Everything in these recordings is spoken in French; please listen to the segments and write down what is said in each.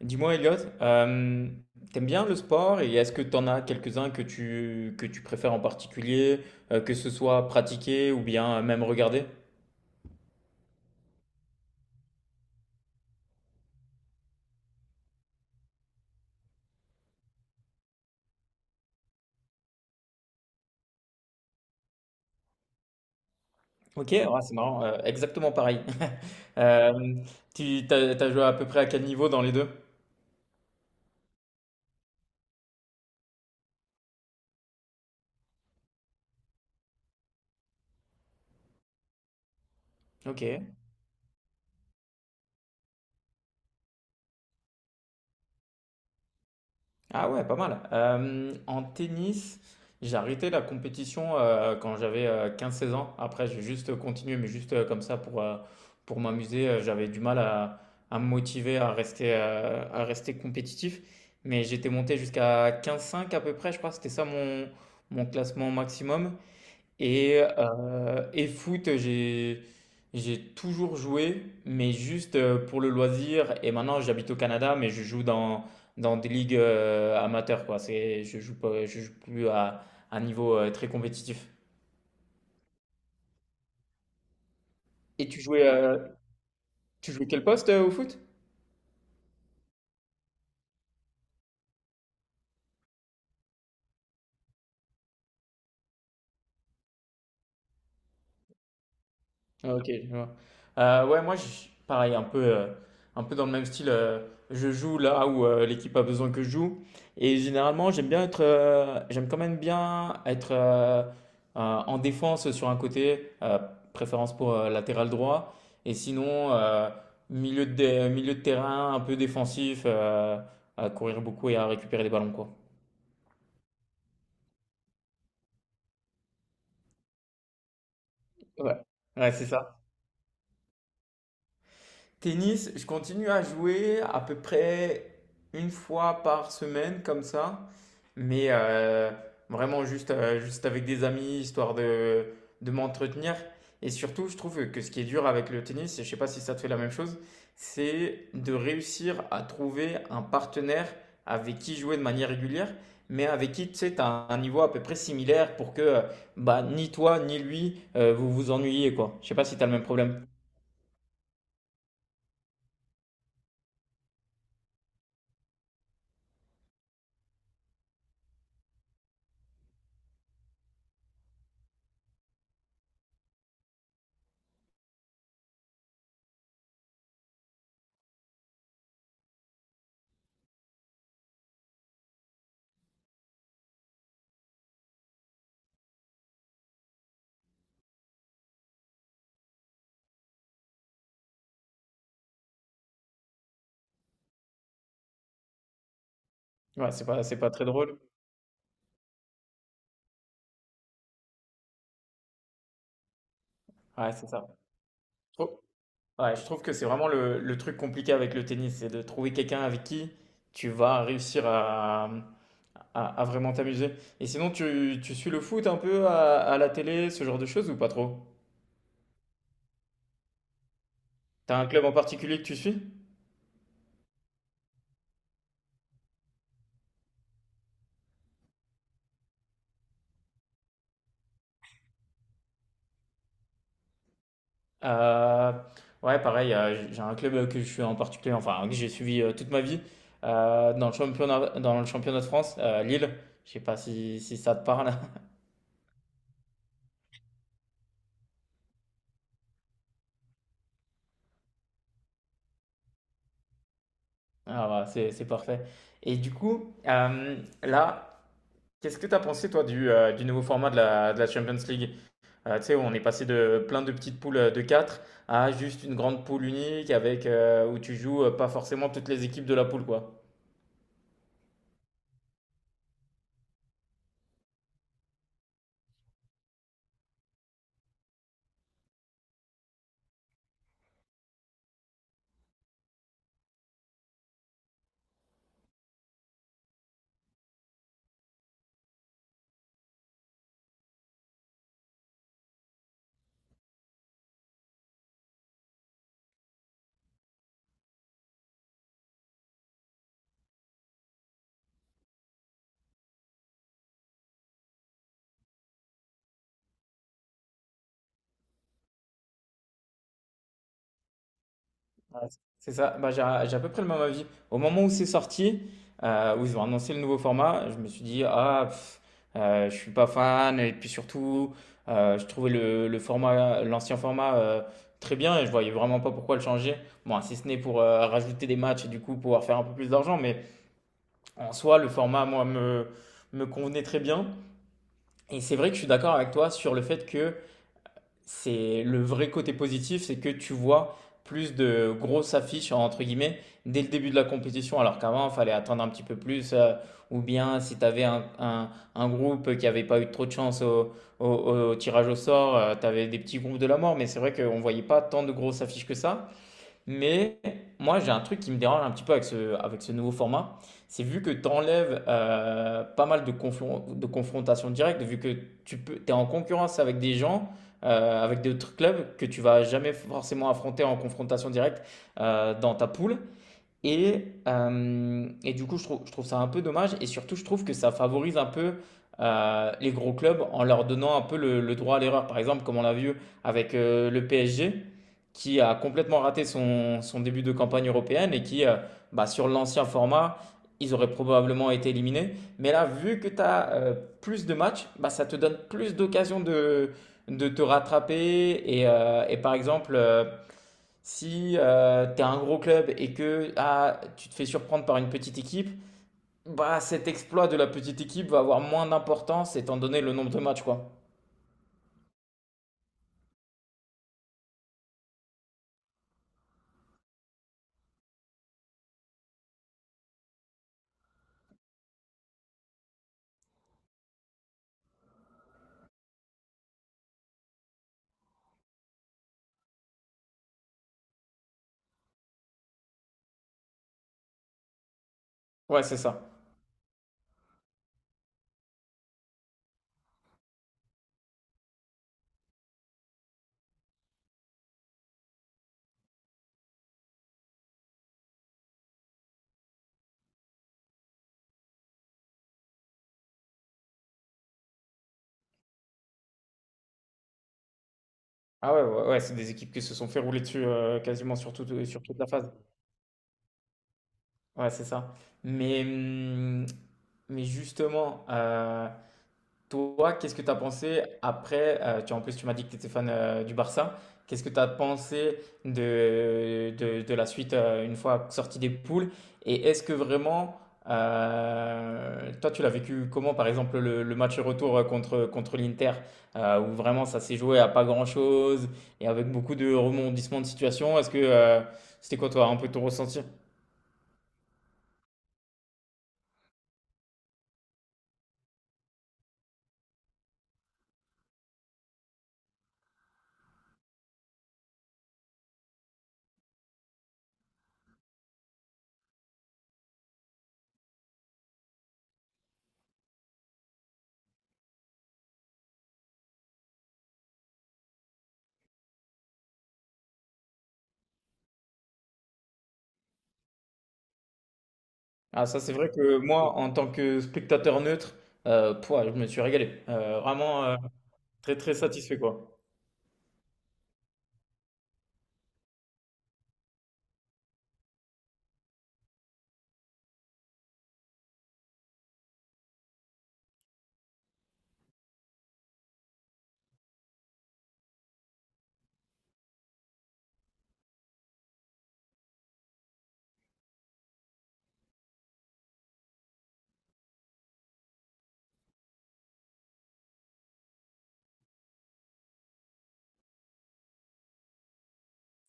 Dis-moi, Elliot, euh, t'aimes bien le sport et est-ce que t'en as quelques-uns que tu préfères en particulier, que ce soit pratiquer ou bien même regarder? Ok, ouais, c'est marrant, exactement pareil. Euh, tu t'as, t'as joué à peu près à quel niveau dans les deux? Ok. Ah ouais, pas mal. En tennis, j'ai arrêté la compétition quand j'avais 15-16 ans. Après, j'ai juste continué, mais juste comme ça pour m'amuser. J'avais du mal à me motiver à rester compétitif. Mais j'étais monté jusqu'à quinze cinq à peu près, je crois. C'était ça mon classement maximum. Et foot, j'ai toujours joué, mais juste pour le loisir. Et maintenant, j'habite au Canada, mais je joue dans des ligues amateurs, quoi. C'est, je joue pas, je joue plus à un niveau très compétitif. Et tu jouais quel poste au foot? Ah, ok, je vois. Ouais, pareil, un peu dans le même style. Je joue là où l'équipe a besoin que je joue. Et généralement, j'aime quand même bien être en défense sur un côté, préférence pour latéral droit. Et sinon, milieu de terrain, un peu défensif, à courir beaucoup et à récupérer les ballons, quoi. Ouais, ouais, c'est ça. Tennis, je continue à jouer à peu près une fois par semaine comme ça, mais vraiment juste avec des amis, histoire de m'entretenir. Et surtout, je trouve que ce qui est dur avec le tennis, et je ne sais pas si ça te fait la même chose, c'est de réussir à trouver un partenaire avec qui jouer de manière régulière, mais avec qui tu sais, tu as un niveau à peu près similaire pour que bah, ni toi ni lui vous vous ennuyez, quoi. Je ne sais pas si tu as le même problème. Ouais, c'est pas très drôle. Ouais, c'est ça. Je trou- ouais, je trouve que c'est vraiment le truc compliqué avec le tennis, c'est de trouver quelqu'un avec qui tu vas réussir à, à vraiment t'amuser. Et sinon, tu suis le foot un peu à la télé, ce genre de choses ou pas trop? T'as un club en particulier que tu suis? Euh, ouais, pareil, j'ai un club que je suis en particulier, enfin, que j'ai suivi toute ma vie, dans le championnat de France, Lille. Je sais pas si, si ça te parle. Ah, bah, c'est parfait. Et du coup, là, qu'est-ce que tu as pensé, toi, du nouveau format de de la Champions League? Tu sais, on est passé de plein de petites poules de 4 à juste une grande poule unique avec où tu joues pas forcément toutes les équipes de la poule, quoi. Ouais, c'est ça, bah, j'ai à peu près le même avis. Au moment où c'est sorti, où ils ont annoncé le nouveau format, je me suis dit, ah, pff, je suis pas fan, et puis surtout, je trouvais l'ancien format très bien, et je voyais vraiment pas pourquoi le changer. Bon, si ce n'est pour rajouter des matchs et du coup pouvoir faire un peu plus d'argent, mais. En soi, le format, me convenait très bien. Et c'est vrai que je suis d'accord avec toi sur le fait que c'est le vrai côté positif, c'est que tu vois plus de grosses affiches, entre guillemets, dès le début de la compétition, alors qu'avant, il fallait attendre un petit peu plus, ou bien si tu avais un groupe qui n'avait pas eu trop de chance au, au tirage au sort, tu avais des petits groupes de la mort, mais c'est vrai qu'on ne voyait pas tant de grosses affiches que ça. Mais moi, j'ai un truc qui me dérange un petit peu avec avec ce nouveau format. C'est vu que tu enlèves pas mal de, de confrontations directes, vu que es en concurrence avec des gens, avec d'autres clubs que tu vas jamais forcément affronter en confrontation directe dans ta poule. Et du coup, je trouve ça un peu dommage. Et surtout, je trouve que ça favorise un peu les gros clubs en leur donnant un peu le droit à l'erreur. Par exemple, comme on l'a vu avec le PSG, qui a complètement raté son début de campagne européenne et qui, bah, sur l'ancien format, ils auraient probablement été éliminés. Mais là, vu que tu as plus de matchs, bah, ça te donne plus d'occasions de te rattraper. Et par exemple, si t'es un gros club et que ah, tu te fais surprendre par une petite équipe, bah cet exploit de la petite équipe va avoir moins d'importance étant donné le nombre de matchs, quoi. Ouais, c'est ça. Ah ouais, ouais, ouais, c'est des équipes qui se sont fait rouler dessus quasiment sur, sur toute la phase. Ouais, c'est ça. Mais, hum, mais justement, toi, qu'est-ce que tu as pensé après en plus, tu m'as dit que tu étais fan du Barça. Qu'est-ce que tu as pensé de la suite une fois sorti des poules? Et est-ce que vraiment, toi, tu l'as vécu comment, par exemple, le match retour contre l'Inter, où vraiment ça s'est joué à pas grand-chose et avec beaucoup de rebondissements de situation? Est-ce que c'était quoi, toi, un peu ton ressenti? Ah, ça, c'est vrai que moi, en tant que spectateur neutre, pouah, je me suis régalé. Vraiment. Très, très satisfait, quoi.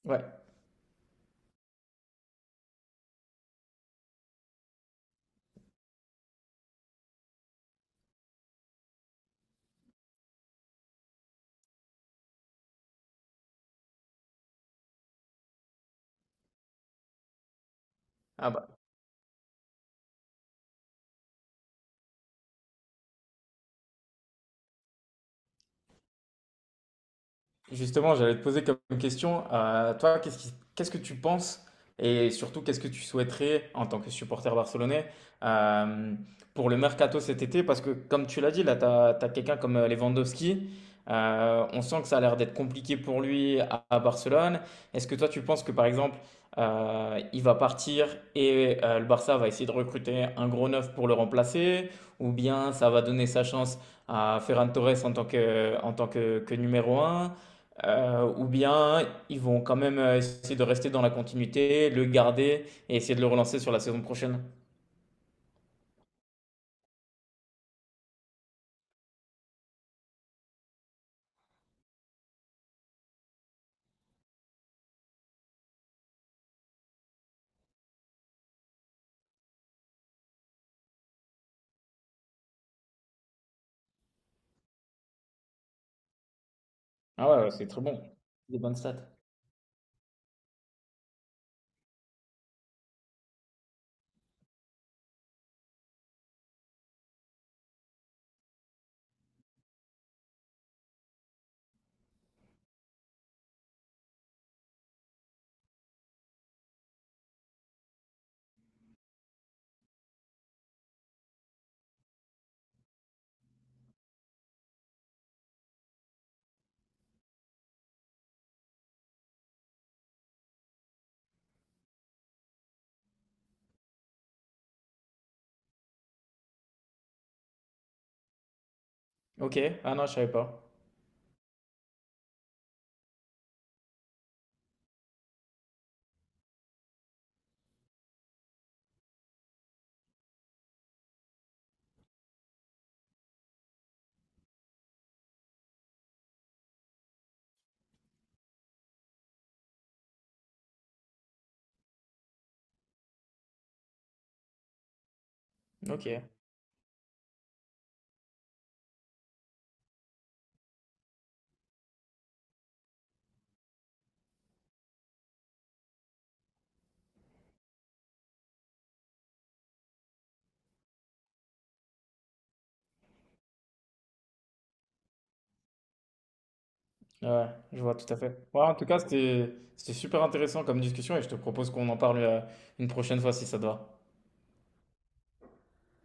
Ouais. Ah bah. Justement, j'allais te poser comme question, toi, qu'est-ce que tu penses et surtout qu'est-ce que tu souhaiterais en tant que supporter barcelonais euh, pour le mercato cet été? Parce que comme tu l'as dit, là, tu as, quelqu'un comme Lewandowski, on sent que ça a l'air d'être compliqué pour lui à Barcelone. Est-ce que toi, tu penses que par exemple, il va partir et le Barça va essayer de recruter un gros neuf pour le remplacer? Ou bien ça va donner sa chance à Ferran Torres en tant que, en tant que numéro un ou bien ils vont quand même essayer de rester dans la continuité, le garder et essayer de le relancer sur la saison prochaine. Ah ouais, ouais, c'est très bon. Des bonnes stats. Ok, ah non, je savais pas. Ok, ouais, je vois tout à fait. Ouais, en tout cas, c'était super intéressant comme discussion et je te propose qu'on en parle une prochaine fois si ça te va.